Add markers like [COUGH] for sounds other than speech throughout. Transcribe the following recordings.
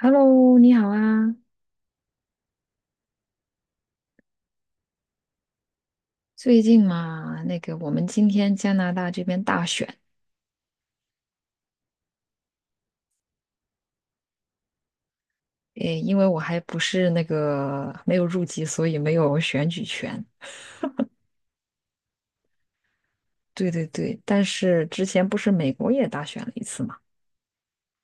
Hello，你好啊！最近嘛，那个我们今天加拿大这边大选，诶，因为我还不是那个没有入籍，所以没有选举权。对对对，但是之前不是美国也大选了一次嘛，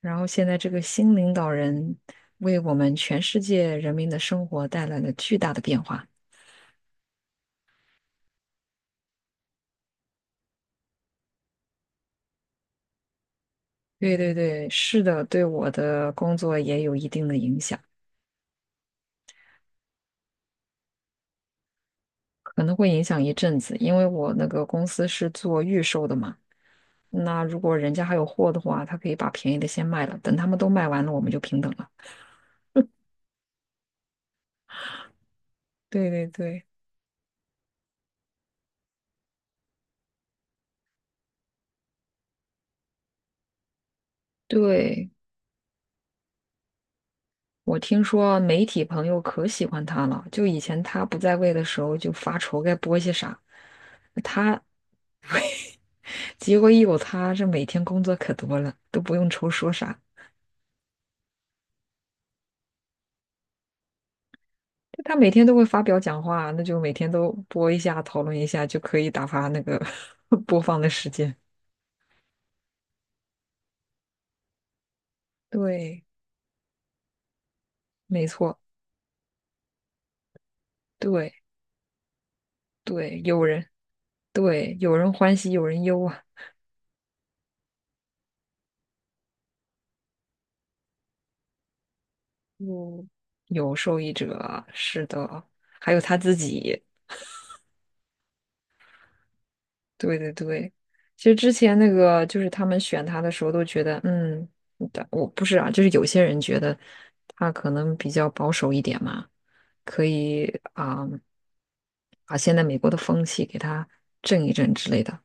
然后现在这个新领导人为我们全世界人民的生活带来了巨大的变化。对对对，是的，对我的工作也有一定的影响，可能会影响一阵子，因为我那个公司是做预售的嘛。那如果人家还有货的话，他可以把便宜的先卖了，等他们都卖完了，我们就平等了。对对对，对，我听说媒体朋友可喜欢他了，就以前他不在位的时候就发愁该播些啥，他结果一有他，这每天工作可多了，都不用愁说啥。就他每天都会发表讲话，那就每天都播一下，讨论一下，就可以打发那个 [LAUGHS] 播放的时间。对没错，对对，有人。对，有人欢喜有人忧啊，嗯，有受益者啊是的，还有他自己。对对对，其实之前那个就是他们选他的时候都觉得，嗯，但我不是啊，就是有些人觉得他可能比较保守一点嘛，可以啊，把现在美国的风气给他正一正之类的。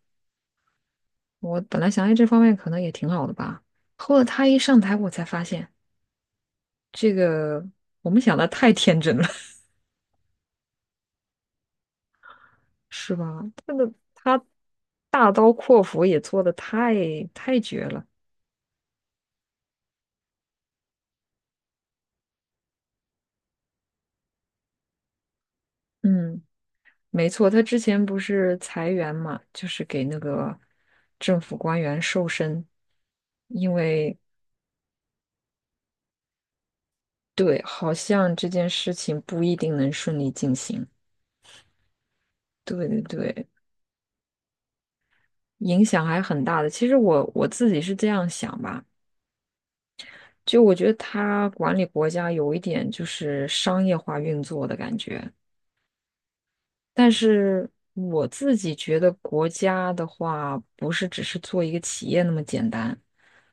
我本来想，哎，这方面可能也挺好的吧。后来他一上台，我才发现这个我们想的太天真了。是吧？这个他大刀阔斧也做的太绝了。嗯，没错，他之前不是裁员嘛，就是给那个政府官员瘦身，因为对，好像这件事情不一定能顺利进行。对对对，影响还很大的。其实我自己是这样想吧，就我觉得他管理国家有一点就是商业化运作的感觉。但是我自己觉得，国家的话不是只是做一个企业那么简单，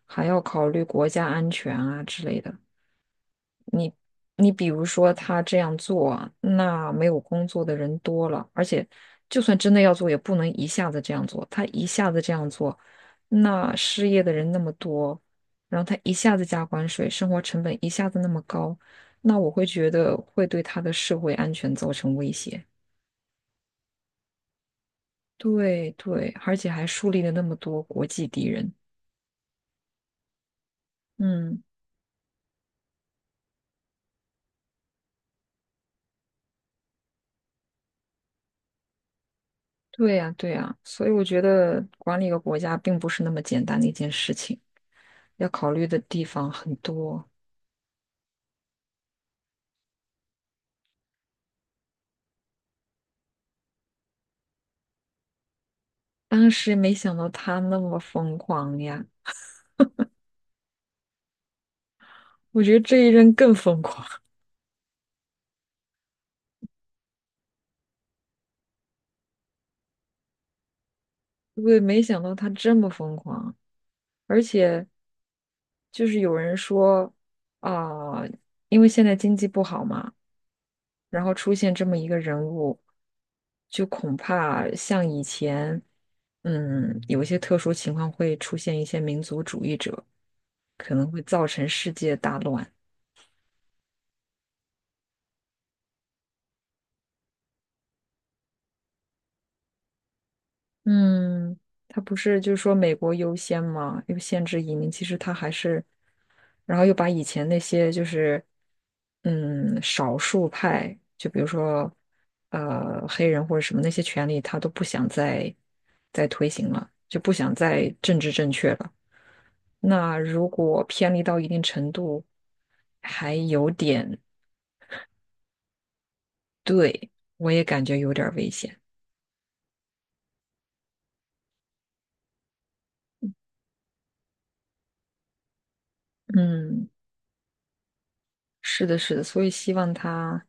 还要考虑国家安全啊之类的。你你比如说，他这样做啊，那没有工作的人多了，而且就算真的要做，也不能一下子这样做。他一下子这样做，那失业的人那么多，然后他一下子加关税，生活成本一下子那么高，那我会觉得会对他的社会安全造成威胁。对对，而且还树立了那么多国际敌人。嗯，对呀对呀，所以我觉得管理一个国家并不是那么简单的一件事情，要考虑的地方很多。当时没想到他那么疯狂呀，我觉得这一任更疯狂。[LAUGHS] 对，没想到他这么疯狂，而且就是有人说啊、因为现在经济不好嘛。然后出现这么一个人物，就恐怕像以前，嗯，有一些特殊情况会出现一些民族主义者，可能会造成世界大乱。嗯，他不是就是说美国优先嘛，又限制移民，其实他还是，然后又把以前那些就是，嗯，少数派，就比如说，黑人或者什么那些权利，他都不想再推行了，就不想再政治正确了。那如果偏离到一定程度，还有点，对，我也感觉有点儿危险。嗯，是的，是的，所以希望他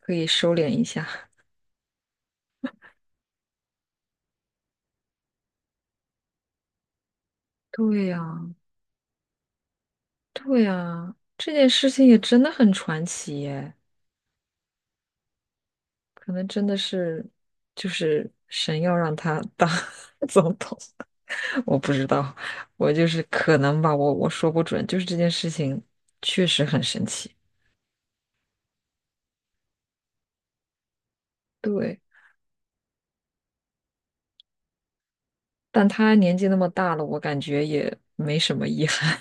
可以收敛一下。[LAUGHS] 对呀，对呀，这件事情也真的很传奇耶，可能真的是就是神要让他当 [LAUGHS] 总统，[LAUGHS] 我不知道，我就是可能吧，我说不准，就是这件事情确实很神奇。对。但他年纪那么大了，我感觉也没什么遗憾。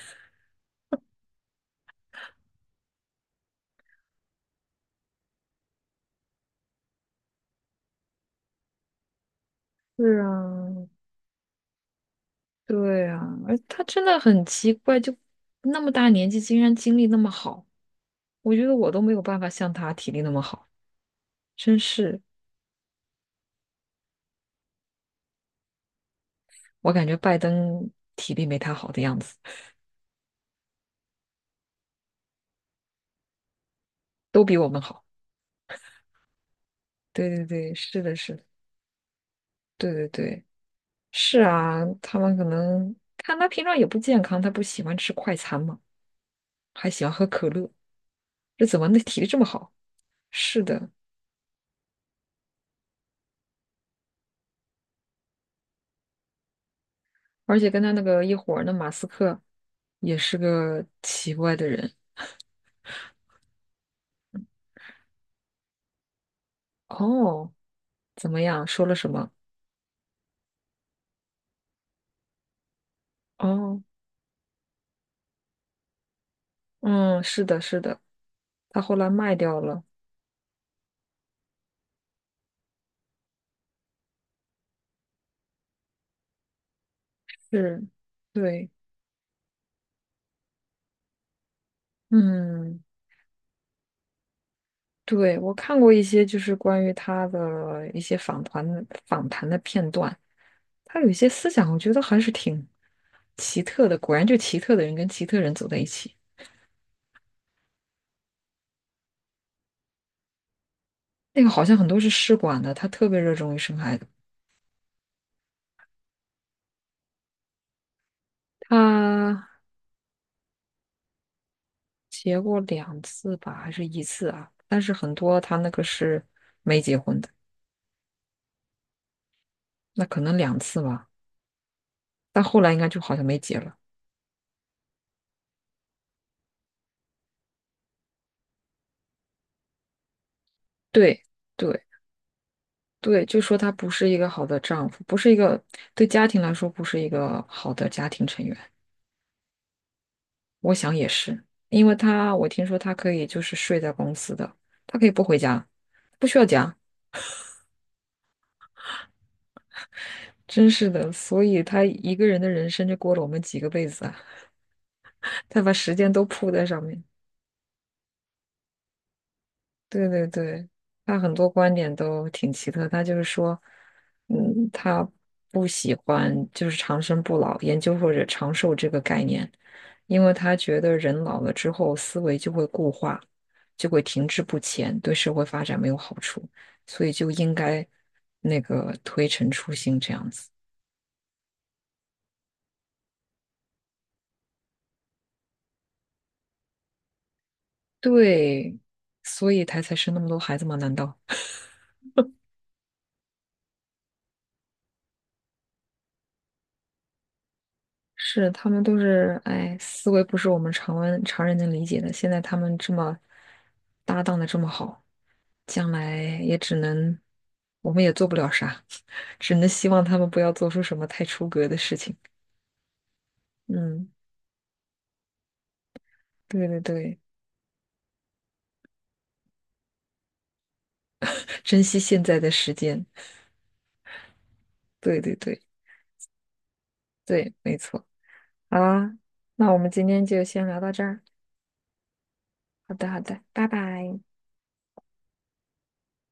[LAUGHS] 是啊，对啊，而他真的很奇怪，就那么大年纪，竟然精力那么好，我觉得我都没有办法像他体力那么好，真是，我感觉拜登体力没他好的样子，都比我们好。对对对，是的，是的，对对对，是啊，他们可能看他平常也不健康，他不喜欢吃快餐嘛，还喜欢喝可乐，这怎么那体力这么好？是的，而且跟他那个一伙儿的马斯克也是个奇怪的人。哦，怎么样？说了什么？哦，嗯，是的，是的，他后来卖掉了。是，对，嗯，对，我看过一些就是关于他的一些访谈的片段，他有一些思想，我觉得还是挺奇特的。果然，就奇特的人跟奇特人走在一起。那个好像很多是试管的，他特别热衷于生孩子。他结过两次吧，还是一次啊？但是很多他那个是没结婚的，那可能两次吧。但后来应该就好像没结了。对对对，就说他不是一个好的丈夫，不是一个对家庭来说不是一个好的家庭成员。我想也是，因为他我听说他可以就是睡在公司的，他可以不回家，不需要家，真是的。所以他一个人的人生就过了我们几个辈子啊，[LAUGHS] 他把时间都扑在上面。对对对，他很多观点都挺奇特。他就是说，嗯，他不喜欢就是长生不老研究或者长寿这个概念，因为他觉得人老了之后思维就会固化，就会停滞不前，对社会发展没有好处，所以就应该那个推陈出新这样子。对，所以他才生那么多孩子吗？难道？是他们都是，哎，思维不是我们常人能理解的。现在他们这么搭档的这么好，将来也只能，我们也做不了啥，[LAUGHS] 只能希望他们不要做出什么太出格的事情。嗯，对对对，珍惜现在的时间。对对对对，没错。好啦，那我们今天就先聊到这儿。好的好的，拜拜。